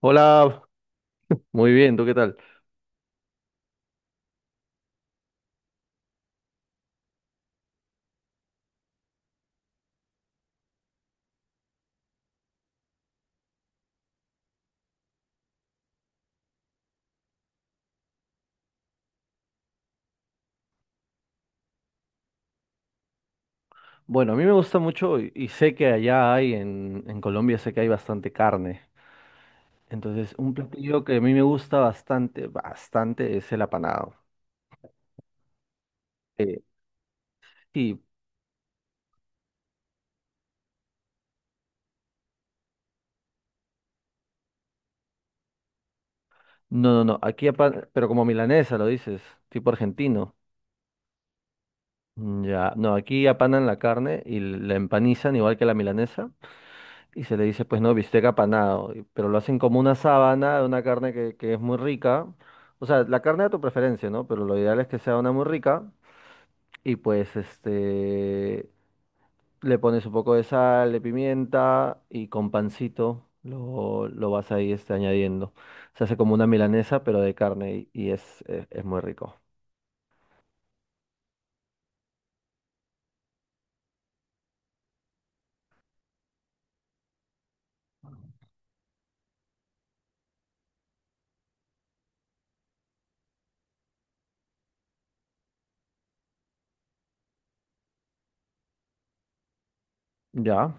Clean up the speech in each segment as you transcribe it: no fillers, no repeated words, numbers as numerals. Hola, muy bien, ¿tú qué tal? Bueno, a mí me gusta mucho y sé que allá hay, en Colombia sé que hay bastante carne. Entonces, un platillo que a mí me gusta bastante, bastante es el apanado. Eh, sí, no, no, no, aquí pero como milanesa lo dices, tipo argentino. Mm, ya, no, aquí apanan la carne y la empanizan igual que la milanesa y se le dice, pues no, bistec apanado, pero lo hacen como una sábana de una carne que es muy rica. O sea, la carne a tu preferencia, ¿no? Pero lo ideal es que sea una muy rica. Y pues le pones un poco de sal, de pimienta y con pancito lo vas ahí añadiendo. Se hace como una milanesa, pero de carne y es muy rico. Ya,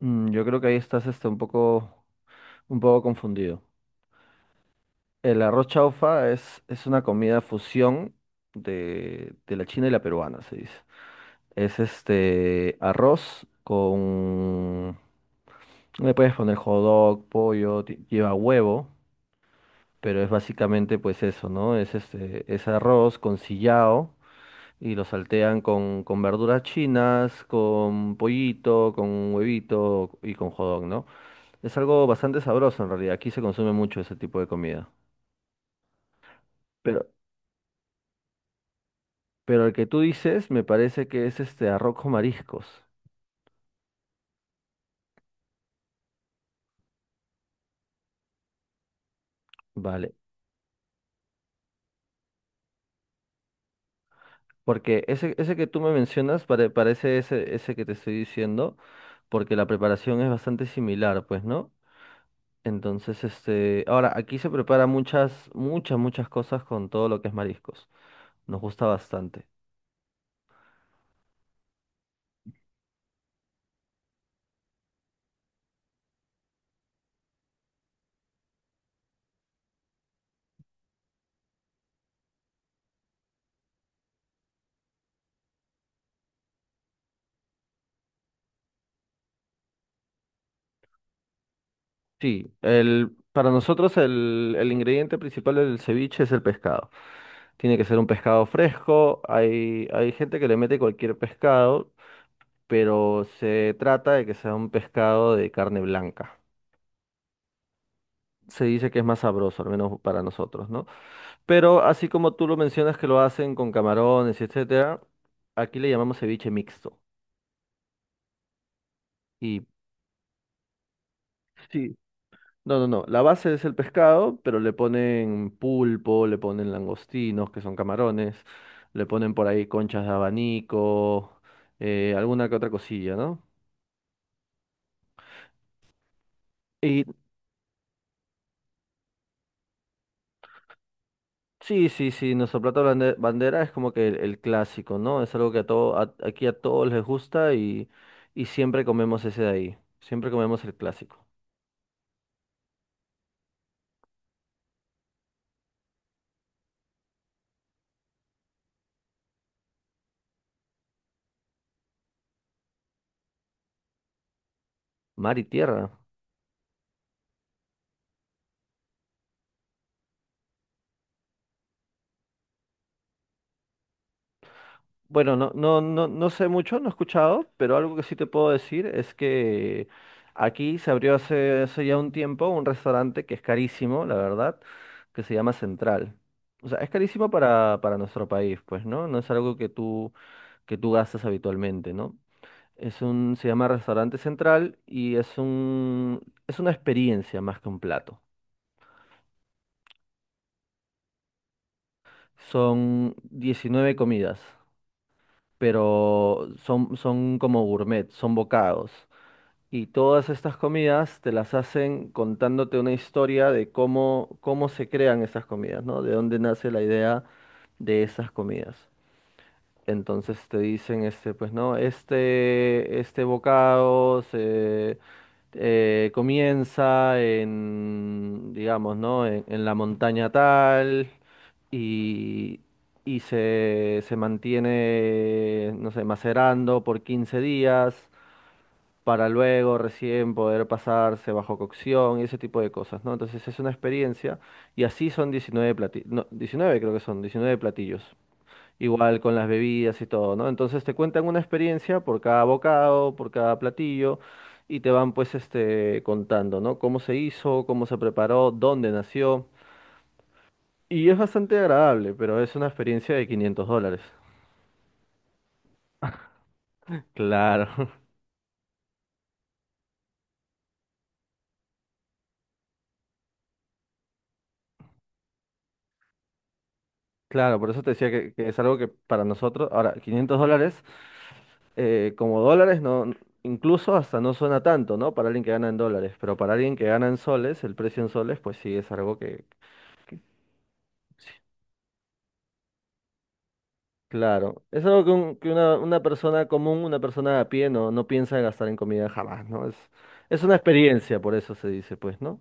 yo creo que ahí estás un poco confundido. El arroz chaufa es una comida fusión de la china y la peruana, se dice. Es este arroz con... Le puedes poner hot dog, pollo, lleva huevo. Pero es básicamente pues eso, ¿no? Es arroz con sillao y lo saltean con verduras chinas, con pollito, con huevito y con jodón, ¿no? Es algo bastante sabroso en realidad, aquí se consume mucho ese tipo de comida. Pero, pero el que tú dices me parece que es este arroz con mariscos, ¿vale? Porque ese que tú me mencionas parece ese que te estoy diciendo, porque la preparación es bastante similar, pues, ¿no? Entonces, este, ahora aquí se prepara muchas, muchas, muchas cosas con todo lo que es mariscos. Nos gusta bastante. Sí, para nosotros el ingrediente principal del ceviche es el pescado. Tiene que ser un pescado fresco. Hay gente que le mete cualquier pescado, pero se trata de que sea un pescado de carne blanca. Se dice que es más sabroso, al menos para nosotros, ¿no? Pero así como tú lo mencionas que lo hacen con camarones, etcétera, aquí le llamamos ceviche mixto. Y sí, no, no, no. La base es el pescado, pero le ponen pulpo, le ponen langostinos, que son camarones, le ponen por ahí conchas de abanico, alguna que otra cosilla, ¿no? Y sí, sí, sí, nuestro plato bandera es como que el clásico, ¿no? Es algo que a todo, aquí a todos les gusta y siempre comemos ese de ahí. Siempre comemos el clásico. Mar y tierra. Bueno, no, no, no, no sé mucho, no he escuchado, pero algo que sí te puedo decir es que aquí se abrió hace ya un tiempo un restaurante que es carísimo, la verdad, que se llama Central. O sea, es carísimo para nuestro país, pues, ¿no? No es algo que tú, gastas habitualmente, ¿no? Se llama Restaurante Central y es una experiencia más que un plato. Son 19 comidas, pero son como gourmet, son bocados. Y todas estas comidas te las hacen contándote una historia de cómo se crean esas comidas, ¿no? De dónde nace la idea de esas comidas. Entonces te dicen, pues no, este bocado se comienza en, digamos, ¿no? En la montaña tal y, y se mantiene, no sé, macerando por 15 días para luego recién poder pasarse bajo cocción y ese tipo de cosas, ¿no? Entonces es una experiencia y así son 19 platillos, no, 19 creo que son, 19 platillos. Igual con las bebidas y todo, ¿no? Entonces te cuentan una experiencia por cada bocado, por cada platillo y te van pues contando, ¿no? Cómo se hizo, cómo se preparó, dónde nació. Y es bastante agradable, pero es una experiencia de $500. Claro. Claro, por eso te decía que es algo que para nosotros, ahora, $500, como dólares, no, incluso hasta no suena tanto, ¿no? Para alguien que gana en dólares, pero para alguien que gana en soles, el precio en soles, pues sí, es algo que, sí, claro, es algo que, que una persona común, una persona a pie, no, no piensa en gastar en comida jamás, ¿no? Es una experiencia, por eso se dice, pues, ¿no?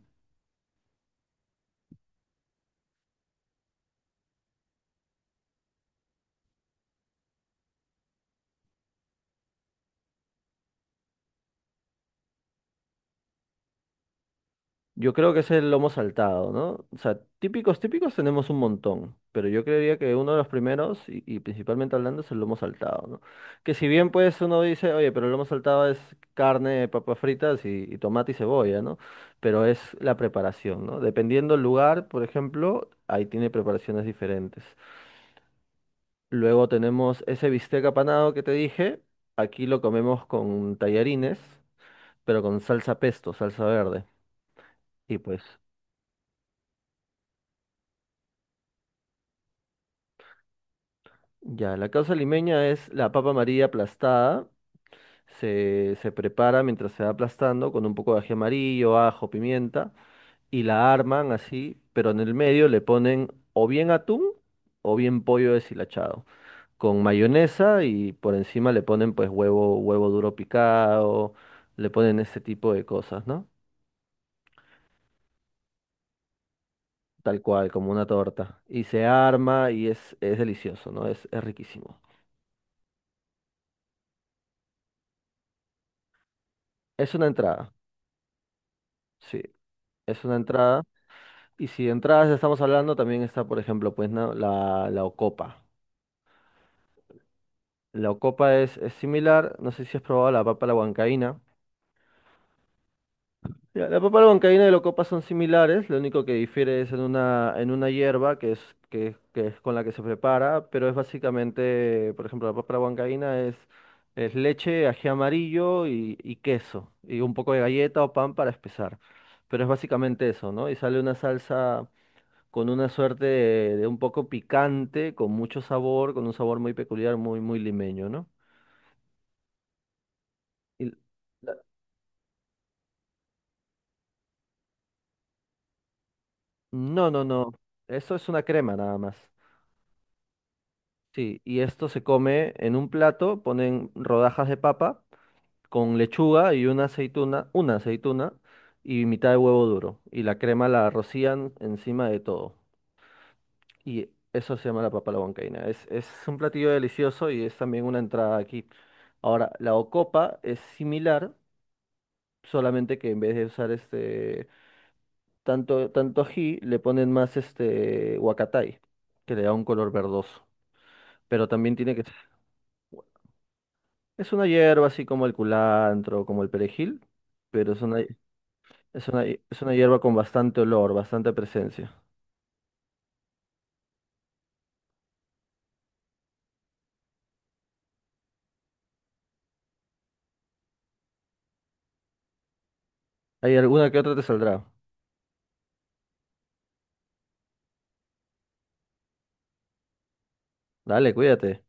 Yo creo que es el lomo saltado, ¿no? O sea, típicos tenemos un montón, pero yo creería que uno de los primeros, y principalmente hablando, es el lomo saltado, ¿no? Que si bien pues uno dice, oye, pero el lomo saltado es carne, papas fritas y tomate y cebolla, ¿no? Pero es la preparación, ¿no? Dependiendo el lugar, por ejemplo, ahí tiene preparaciones diferentes. Luego tenemos ese bistec apanado que te dije, aquí lo comemos con tallarines, pero con salsa pesto, salsa verde. Y pues ya, la causa limeña es la papa amarilla aplastada. Se prepara mientras se va aplastando con un poco de ají amarillo, ajo, pimienta y la arman así, pero en el medio le ponen o bien atún o bien pollo deshilachado con mayonesa y por encima le ponen pues huevo, huevo duro picado, le ponen ese tipo de cosas, ¿no? Tal cual, como una torta. Y se arma y es delicioso, ¿no? Es riquísimo. Es una entrada, sí, es una entrada. Y si de entradas ya estamos hablando, también está, por ejemplo, pues, ¿no? la ocopa. La ocopa es similar, no sé si has probado la papa a la huancaína. Ya, la papa a la huancaína y la ocopa son similares, lo único que difiere es en una, hierba que es, que es con la que se prepara, pero es básicamente, por ejemplo, la papa a la huancaína es leche, ají amarillo y queso, y un poco de galleta o pan para espesar. Pero es básicamente eso, ¿no? Y sale una salsa con una suerte de un poco picante, con mucho sabor, con un sabor muy peculiar, muy, muy limeño, ¿no? Y la- no, no, no. Eso es una crema nada más. Sí, y esto se come en un plato, ponen rodajas de papa con lechuga y una aceituna y mitad de huevo duro. Y la crema la rocían encima de todo. Y eso se llama la papa a la huancaína. Es un platillo delicioso y es también una entrada aquí. Ahora, la ocopa es similar, solamente que en vez de usar tanto, tanto ají, le ponen más este huacatay, que le da un color verdoso. Pero también tiene que ser. Es una hierba así como el culantro, como el perejil, pero es una hierba con bastante olor, bastante presencia. ¿Hay alguna que otra te saldrá? Dale, cuídate.